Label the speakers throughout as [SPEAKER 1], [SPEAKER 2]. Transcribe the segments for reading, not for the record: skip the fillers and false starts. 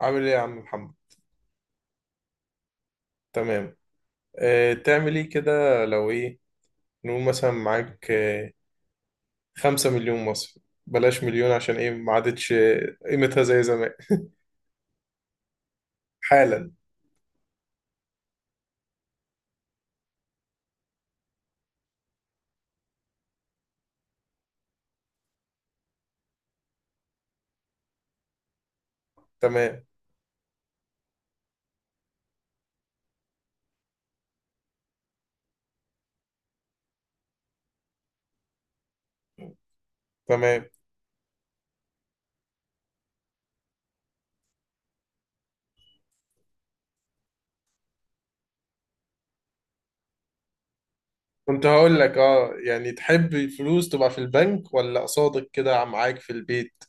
[SPEAKER 1] عامل ايه يا عم محمد؟ تمام. تعمل ايه كده؟ لو ايه؟ نقول مثلا معاك خمسة مليون مصري. بلاش مليون، عشان ايه؟ ما عادتش قيمتها زي زمان. حالا. تمام. تمام. كنت هقول لك، يعني تحب الفلوس تبقى في البنك، ولا قصادك كده معاك في البيت؟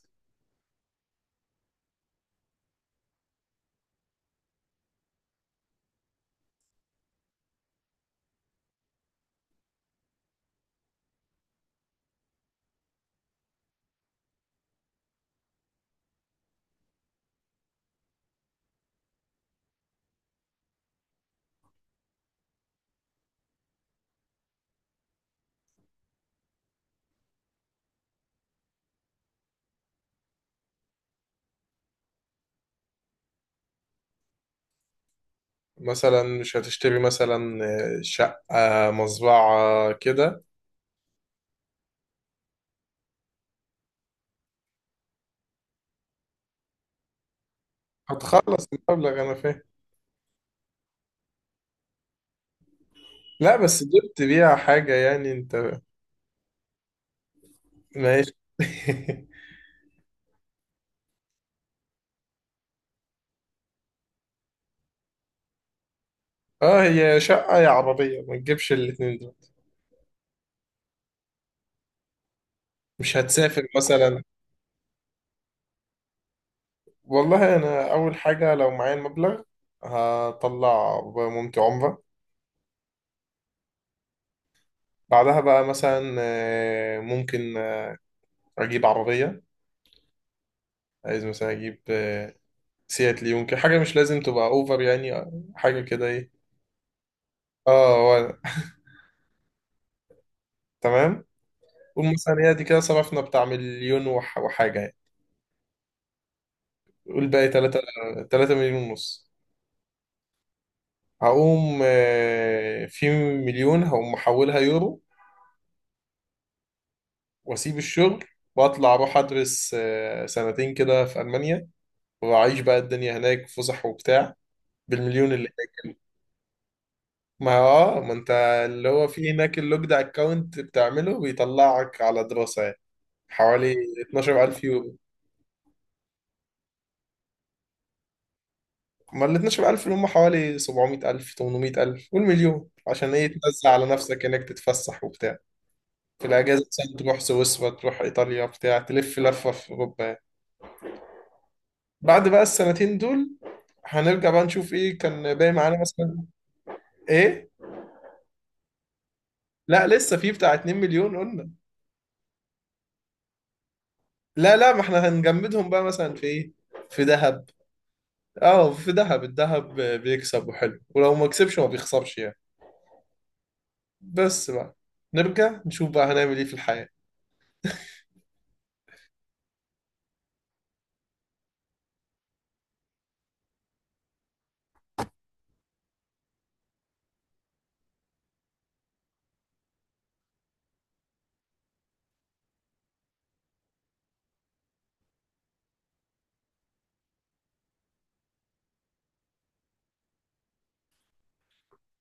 [SPEAKER 1] مثلا مش هتشتري مثلا شقة، مزرعة كده؟ هتخلص المبلغ، انا فاهم. لا، بس جبت بيها حاجة يعني انت. ماشي. اه هي شقة يا عربية، ما تجيبش الاتنين دول. مش هتسافر مثلا؟ والله انا اول حاجة لو معايا المبلغ، هطلع مامتي عمرة. بعدها بقى مثلا ممكن اجيب عربية. عايز مثلا اجيب سيات ليون كده، حاجة مش لازم تبقى اوفر يعني، حاجة كده ايه. اه هو- تمام. قول مثلا هي دي كده صرفنا بتاع مليون وحاجة يعني. قول باقي تلاتة. تلاتة مليون ونص. هقوم في مليون هقوم محولها يورو، واسيب الشغل واطلع اروح ادرس سنتين كده في المانيا، واعيش بقى الدنيا هناك، فسح وبتاع، بالمليون اللي هناك. ما هو ما انت اللي هو في هناك اللوجد اكونت بتعمله بيطلعك على دراسة يعني، حوالي 12000 يورو. ما ال 12000 اللي هم حوالي 700000، 800000، والمليون عشان ايه؟ تنزل على نفسك انك تتفسح وبتاع، في الاجازة مثلا تروح سويسرا، تروح ايطاليا بتاع، تلف لفة في اوروبا. بعد بقى السنتين دول هنرجع بقى نشوف ايه كان باقي معانا مثلا. ايه؟ لا لسه في بتاع 2 مليون قلنا. لا لا، ما احنا هنجمدهم بقى مثلا في ايه، في ذهب. اه في ذهب، الذهب بيكسب وحلو، ولو ما كسبش ما بيخسرش يعني. بس بقى نرجع نشوف بقى هنعمل ايه في الحياة.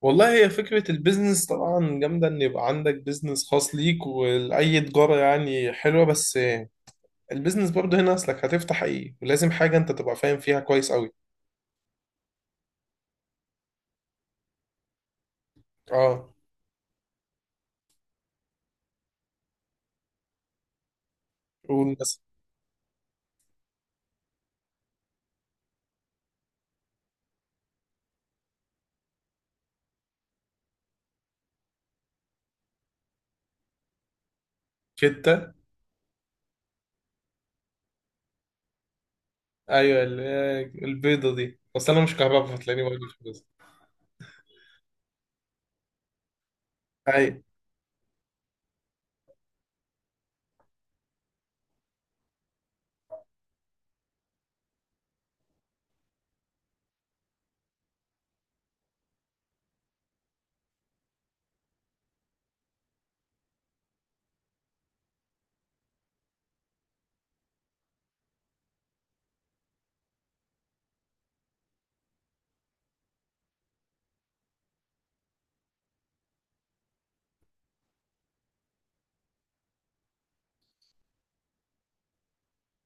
[SPEAKER 1] والله هي فكرة البيزنس طبعا جامدة، ان يبقى عندك بيزنس خاص ليك، واي تجارة يعني حلوة، بس البيزنس برضه هنا، اصلك هتفتح ايه، ولازم حاجة انت تبقى فاهم فيها كويس قوي. اه. قول بس. شتة. أيوة، البيضة دي، بس أنا مش كهرباء، فتلاقيني برضه مش بس. اي.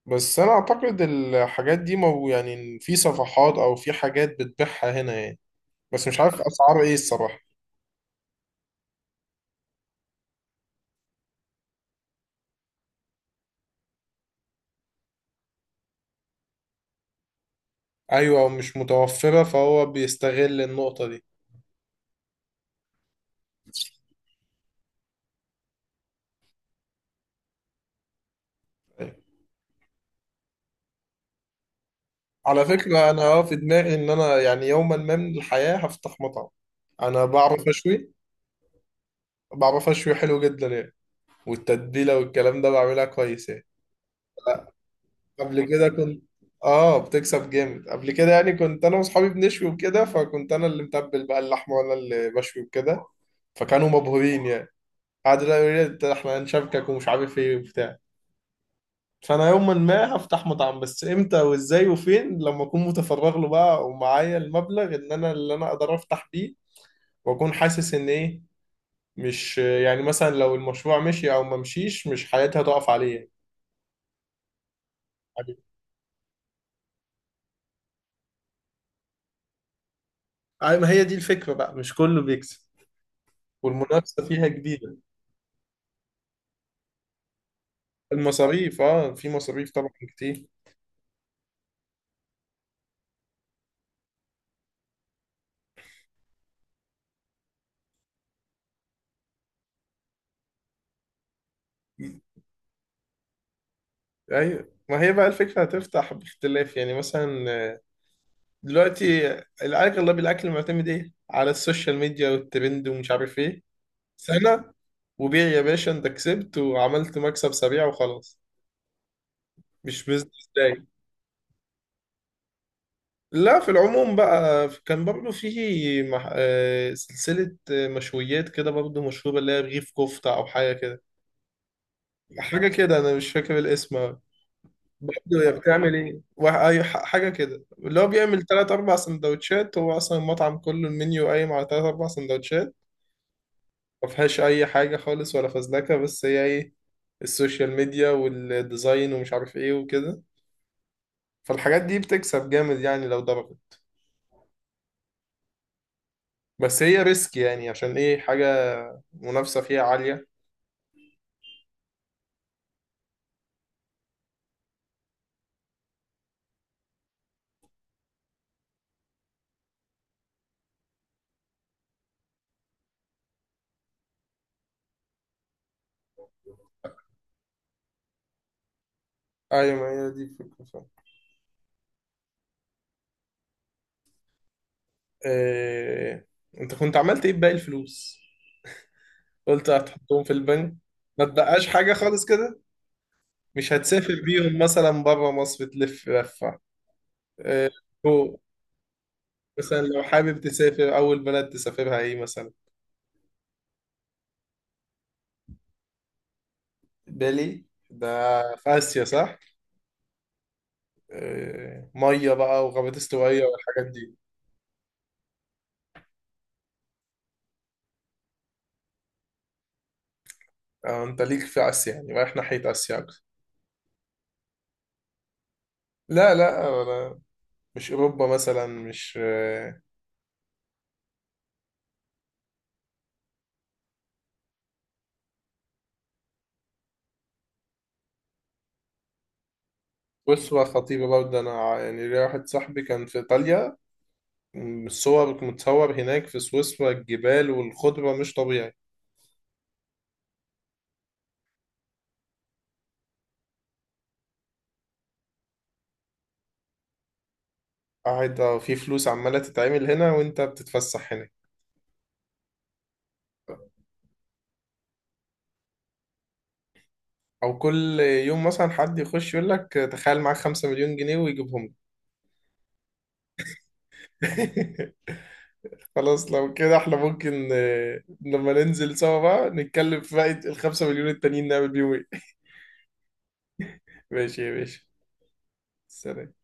[SPEAKER 1] بس انا اعتقد الحاجات دي، مو يعني في صفحات او في حاجات بتبيعها هنا يعني، بس مش عارف اسعار ايه الصراحة. أيوة، مش متوفرة، فهو بيستغل النقطة دي. أيوة. على فكرة انا في دماغي ان انا يعني يوما ما من الحياة هفتح مطعم. انا بعرف اشوي، بعرف اشوي حلو جدا يعني، والتتبيلة والكلام ده بعملها كويس يعني. قبل كده كنت اه بتكسب جامد قبل كده يعني، كنت انا واصحابي بنشوي وكده، فكنت انا اللي متبل بقى اللحمه وانا اللي بشوي وكده، فكانوا مبهورين يعني. قعدوا لا يقولوا لي: احنا هنشاركك ومش عارف ايه وبتاع". فانا يوما ما هفتح مطعم، بس امتى وازاي وفين، لما اكون متفرغ له بقى، ومعايا المبلغ ان انا اللي انا اقدر افتح بيه، واكون حاسس ان ايه، مش يعني مثلا لو المشروع مشي او ما مشيش، مش حياتي هتقف عليه. يعني ما هي دي الفكره بقى، مش كله بيكسب، والمنافسه فيها كبيره. المصاريف، في مصاريف طبعا كتير. ايوه، ما هي بقى الفكره هتفتح باختلاف يعني، مثلا دلوقتي الاغلب الاكل معتمد ايه على السوشيال ميديا والترند ومش عارف ايه، سنه وبيع يا باشا، انت كسبت وعملت مكسب سريع وخلاص، مش بزنس داي. لا، في العموم بقى كان برضه في مح... آه، سلسله مشويات كده برضه مشهوره، اللي هي رغيف كفته او حاجه كده. حاجه كده انا مش فاكر الاسم. برضه هي بتعمل ايه؟ حاجه كده اللي هو بيعمل تلات اربع سندوتشات، هو اصلا المطعم كله، المنيو قايم على تلات اربع سندوتشات، ما فيهاش اي حاجه خالص ولا فزلكه، بس هي ايه؟ السوشيال ميديا والديزاين ومش عارف ايه وكده، فالحاجات دي بتكسب جامد يعني لو ضربت، بس هي ريسك، يعني عشان ايه؟ حاجه منافسه فيها عاليه. ايوه، ما هي دي الفكره فعلا. إيه... انت كنت عملت ايه بباقي الفلوس؟ قلت هتحطهم في البنك. ما تبقاش حاجه خالص كده؟ مش هتسافر بيهم مثلا بره مصر، تلف لفة؟ آه، هو مثلا لو حابب تسافر، أول بلد تسافرها إيه مثلا؟ بالي ده في آسيا صح؟ مية بقى وغابات استوائية والحاجات دي. أنت ليك في آسيا يعني، رايح ناحية آسيا أكتر. لا لا، أنا مش أوروبا مثلا، مش أسوة خطيرة برضه. أنا يعني ليا واحد صاحبي كان في إيطاليا، الصور متصور هناك في سويسرا، الجبال والخضرة مش طبيعي. قاعد في فلوس عمالة تتعمل هنا وانت بتتفسح هنا، او كل يوم مثلا حد يخش يقول لك تخيل معاك خمسة مليون جنيه ويجيبهم لك. خلاص لو كده احنا ممكن لما ننزل سوا بقى نتكلم في باقي الخمسة مليون التانيين نعمل بيهم ايه. ماشي يا باشا، سلام.